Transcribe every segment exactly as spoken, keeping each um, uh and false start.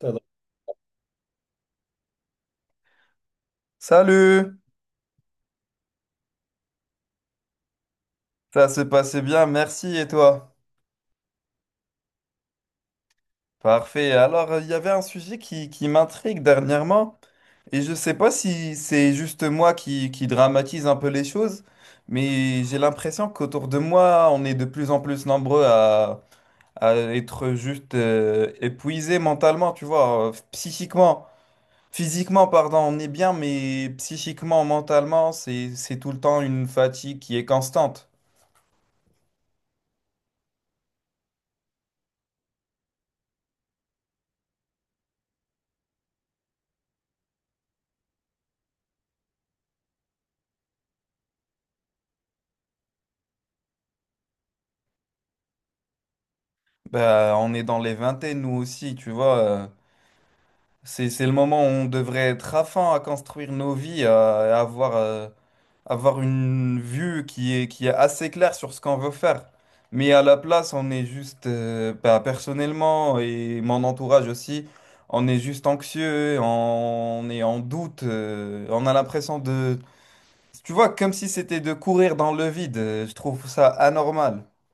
Ça va. Salut, ça s'est passé bien, merci et toi? Parfait. Alors, il y avait un sujet qui, qui m'intrigue dernièrement et je ne sais pas si c'est juste moi qui, qui dramatise un peu les choses, mais j'ai l'impression qu'autour de moi, on est de plus en plus nombreux à, à être juste euh, épuisés mentalement, tu vois, euh, psychiquement. Physiquement, pardon, on est bien, mais psychiquement, mentalement, c'est, c'est tout le temps une fatigue qui est constante. Bah, on est dans les vingtaines, nous aussi, tu vois. euh, c'est, c'est le moment où on devrait être à fond à construire nos vies, à, à avoir, euh, avoir une vue qui est, qui est assez claire sur ce qu'on veut faire. Mais à la place, on est juste, euh, bah, personnellement et mon entourage aussi, on est juste anxieux, on est en doute, euh, on a l'impression de... Tu vois, comme si c'était de courir dans le vide. euh, Je trouve ça anormal.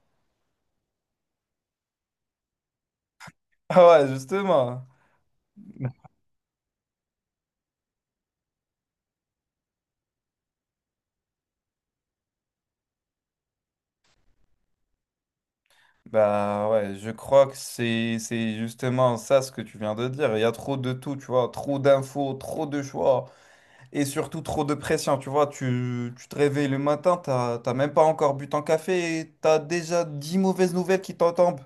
Ah ouais, justement. Bah ouais, je crois que c'est c'est justement ça ce que tu viens de dire. Il y a trop de tout, tu vois, trop d'infos, trop de choix et surtout trop de pression, tu vois. Tu, tu te réveilles le matin, t'as t'as même pas encore bu ton café et t'as déjà dix mauvaises nouvelles qui t'en tombent.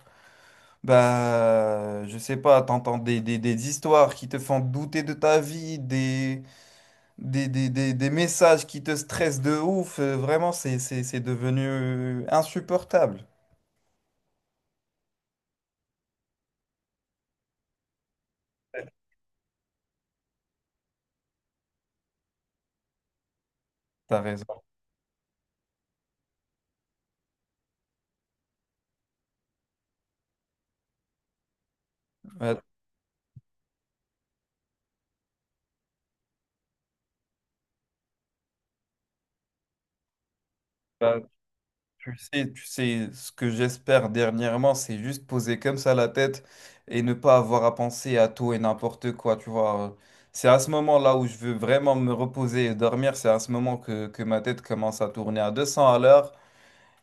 Bah, je sais pas, t'entends des, des, des histoires qui te font douter de ta vie, des, des, des, des, des messages qui te stressent de ouf. Euh, Vraiment, c'est c'est- c'est devenu euh, insupportable. T'as raison. Ouais, bah, Tu sais, tu sais, ce que j'espère dernièrement, c'est juste poser comme ça la tête et ne pas avoir à penser à tout et n'importe quoi, tu vois. C'est à ce moment-là où je veux vraiment me reposer et dormir, c'est à ce moment que, que ma tête commence à tourner à deux cents à l'heure.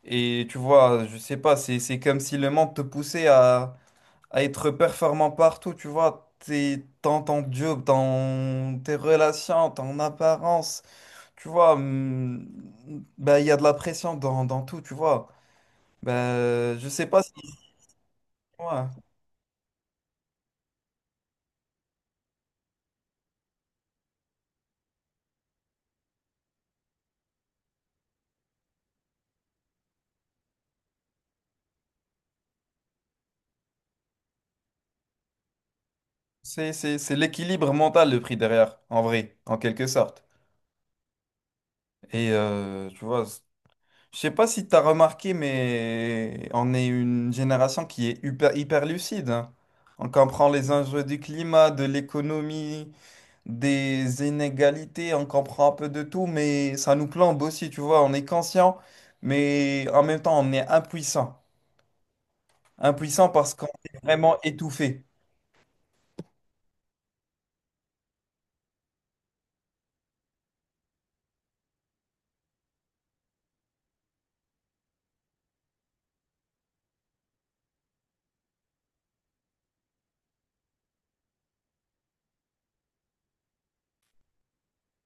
Et tu vois, je sais pas, c'est, c'est comme si le monde te poussait à, à être performant partout, tu vois. T'es, dans ton job, dans tes relations, ton apparence, tu vois, hum, bah, il y a de la pression dans, dans tout, tu vois. Ben, euh, je sais pas si moi, c'est c'est- c'est l'équilibre mental le prix derrière, en vrai, en quelque sorte. Et euh, tu vois, c- je sais pas si tu as remarqué, mais on est une génération qui est hyper, hyper lucide, hein. On comprend les enjeux du climat, de l'économie, des inégalités, on comprend un peu de tout, mais ça nous plombe aussi, tu vois. On est conscient, mais en même temps, on est impuissant. Impuissant parce qu'on est vraiment étouffé.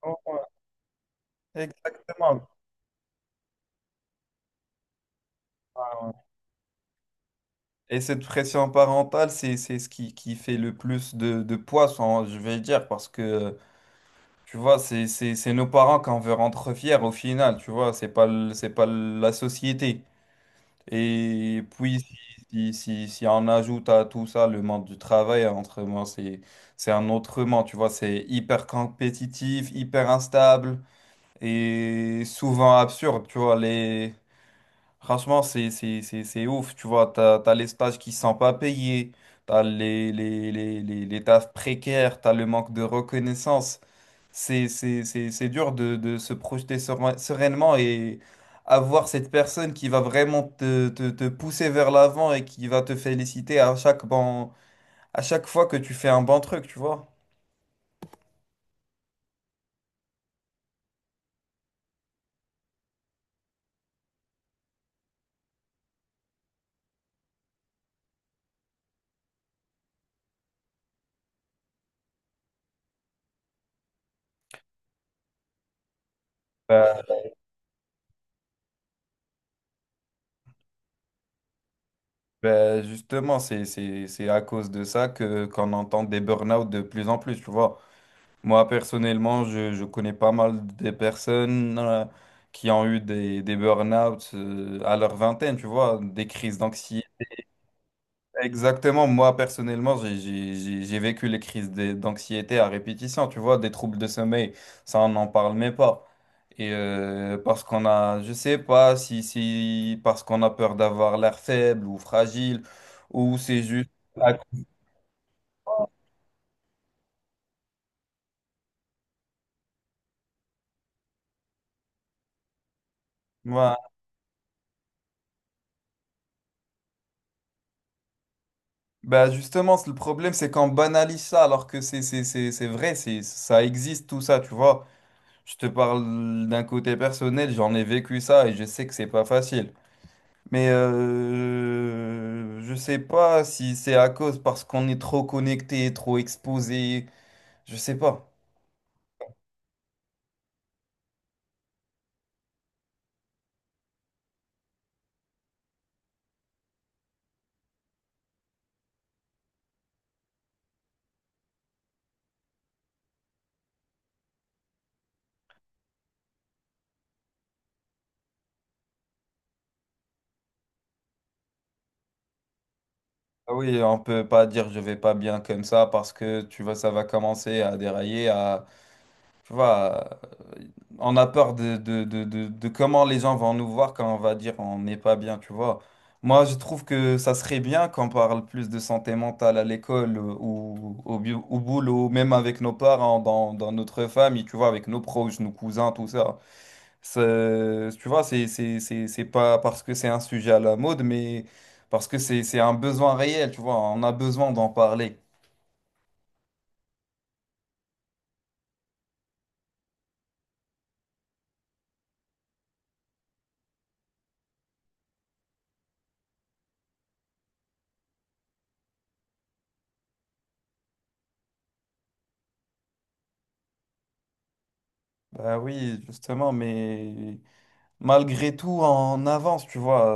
Ouais, exactement. Et cette pression parentale, c'est, c'est ce qui, qui fait le plus de, de poids, sans- je vais dire, parce que, tu vois, c'est, c'est, c'est nos parents qu'on veut rendre fiers au final, tu vois, c'est pas, le- c'est pas la société. Et puis, si, si, si, si on ajoute à tout ça le monde du travail, entre moi, c'est, c'est un autre monde, tu vois, c'est hyper compétitif, hyper instable et souvent absurde, tu vois, les... Franchement, c'est, c'est, c'est, c'est ouf, tu vois, t'as, t'as les stages qui sont pas payés, t'as les, les, les, les, les tafs précaires, t'as le manque de reconnaissance. C'est, c'est, c'est, c'est dur de, de se projeter serein- sereinement et avoir cette personne qui va vraiment te, te, te pousser vers l'avant et qui va te féliciter à chaque bon, à chaque fois que tu fais un bon truc, tu vois. Bah, bah, justement, c'est, c'est, c'est à cause de ça que qu'on entend des burn-out de plus en plus, tu vois. Moi, personnellement, je, je connais pas mal des personnes euh, qui ont eu des, des burn-out euh, à leur vingtaine, tu vois, des crises d'anxiété. Exactement, moi, personnellement, j'ai j'ai- j'ai- j'ai vécu les crises des- d'anxiété à répétition, tu vois, des troubles de sommeil, ça, on n'en parle même pas. Et euh, parce qu'on a, je sais pas si, si parce qu'on a peur d'avoir l'air faible ou fragile, ou c'est juste... Bah justement, c'est le problème, c'est qu'on banalise ça alors que c'est c'est- c'est- c'est vrai, c'est, ça existe tout ça, tu vois. Je te parle d'un côté personnel, j'en ai vécu ça et je sais que c'est pas facile. Mais euh, je sais pas si c'est à cause parce qu'on est trop connecté, trop exposé, je sais pas. Ah oui, on peut pas dire je vais pas bien comme ça parce que tu vois, ça va commencer à dérailler, à tu vois, euh, on a peur de, de, de, de, de comment les gens vont nous voir quand on va dire on n'est pas bien, tu vois. Moi, je trouve que ça serait bien qu'on parle plus de santé mentale à l'école euh, ou au, bu- au boulot, même avec nos parents, dans, dans notre famille, tu vois, avec nos proches, nos cousins, tout ça. C'est- Tu vois, c'est, c'est, c'est, c'est pas parce que c'est un sujet à la mode, mais parce que c'est, c'est un besoin réel, tu vois. On a besoin d'en parler. Bah oui, justement, mais... malgré tout en avance, tu vois.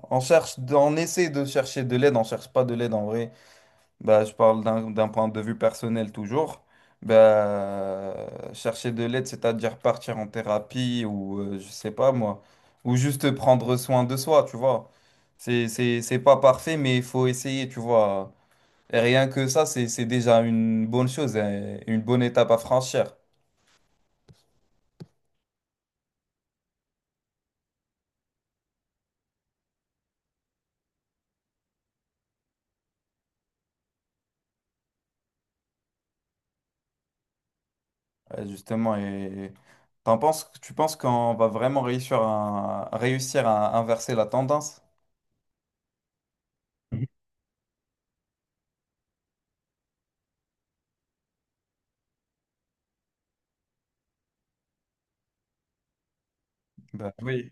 euh, on cherche, on essaie de chercher de l'aide, on cherche pas de l'aide en vrai. Bah, je parle d'un d'un point de vue personnel toujours. Bah, chercher de l'aide, c'est-à-dire partir en thérapie ou euh, je sais pas moi, ou juste prendre soin de soi, tu vois. C'est, c'est, c'est pas parfait, mais il faut essayer, tu vois. Et rien que ça, c'est, c'est déjà une bonne chose, hein, une bonne étape à franchir. Ouais, justement, et t'en penses, tu penses qu'on va vraiment réussir à, réussir à inverser la tendance? Bah oui.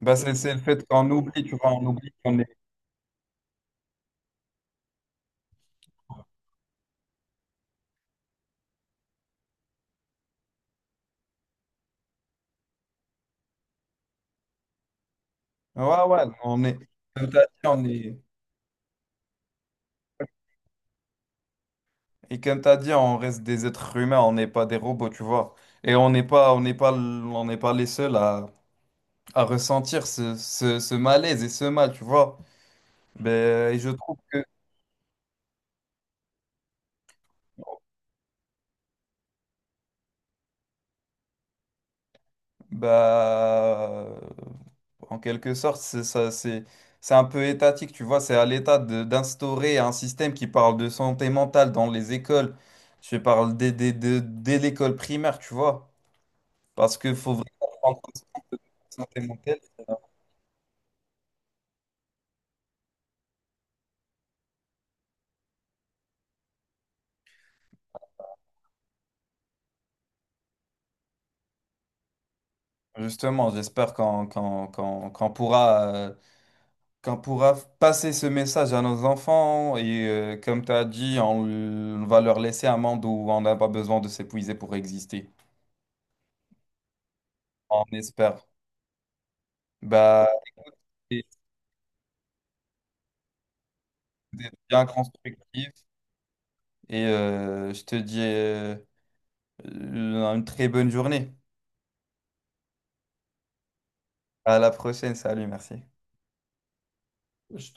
Bah c'est c'est le fait qu'on oublie, tu vois, on oublie qu'on est. Ouais, ouais, on est. Comme t'as dit, on est. Et comme t'as dit, on reste des êtres humains, on n'est pas des robots, tu vois. Et on n'est pas, on n'est pas, on n'est pas les seuls à, à ressentir ce, ce, ce malaise et ce mal, tu vois. Ben, et je trouve que bah, en quelque sorte, c'est ça, c'est, c'est un peu étatique, tu vois. C'est à l'État de- d'instaurer un système qui parle de santé mentale dans les écoles. Je parle dès, dès, dès- dès l'école primaire, tu vois. Parce qu'il faut vraiment prendre en compte la santé mentale. Justement, j'espère qu'on qu'on- qu'on- qu'on pourra, euh, qu'on pourra passer ce message à nos enfants. Et euh, comme tu as dit, on, l- on va leur laisser un monde où on n'a pas besoin de s'épuiser pour exister. On espère. Bah. Et c'était bien constructif. Et euh, je te dis euh, une très bonne journée. À la prochaine. Salut, merci.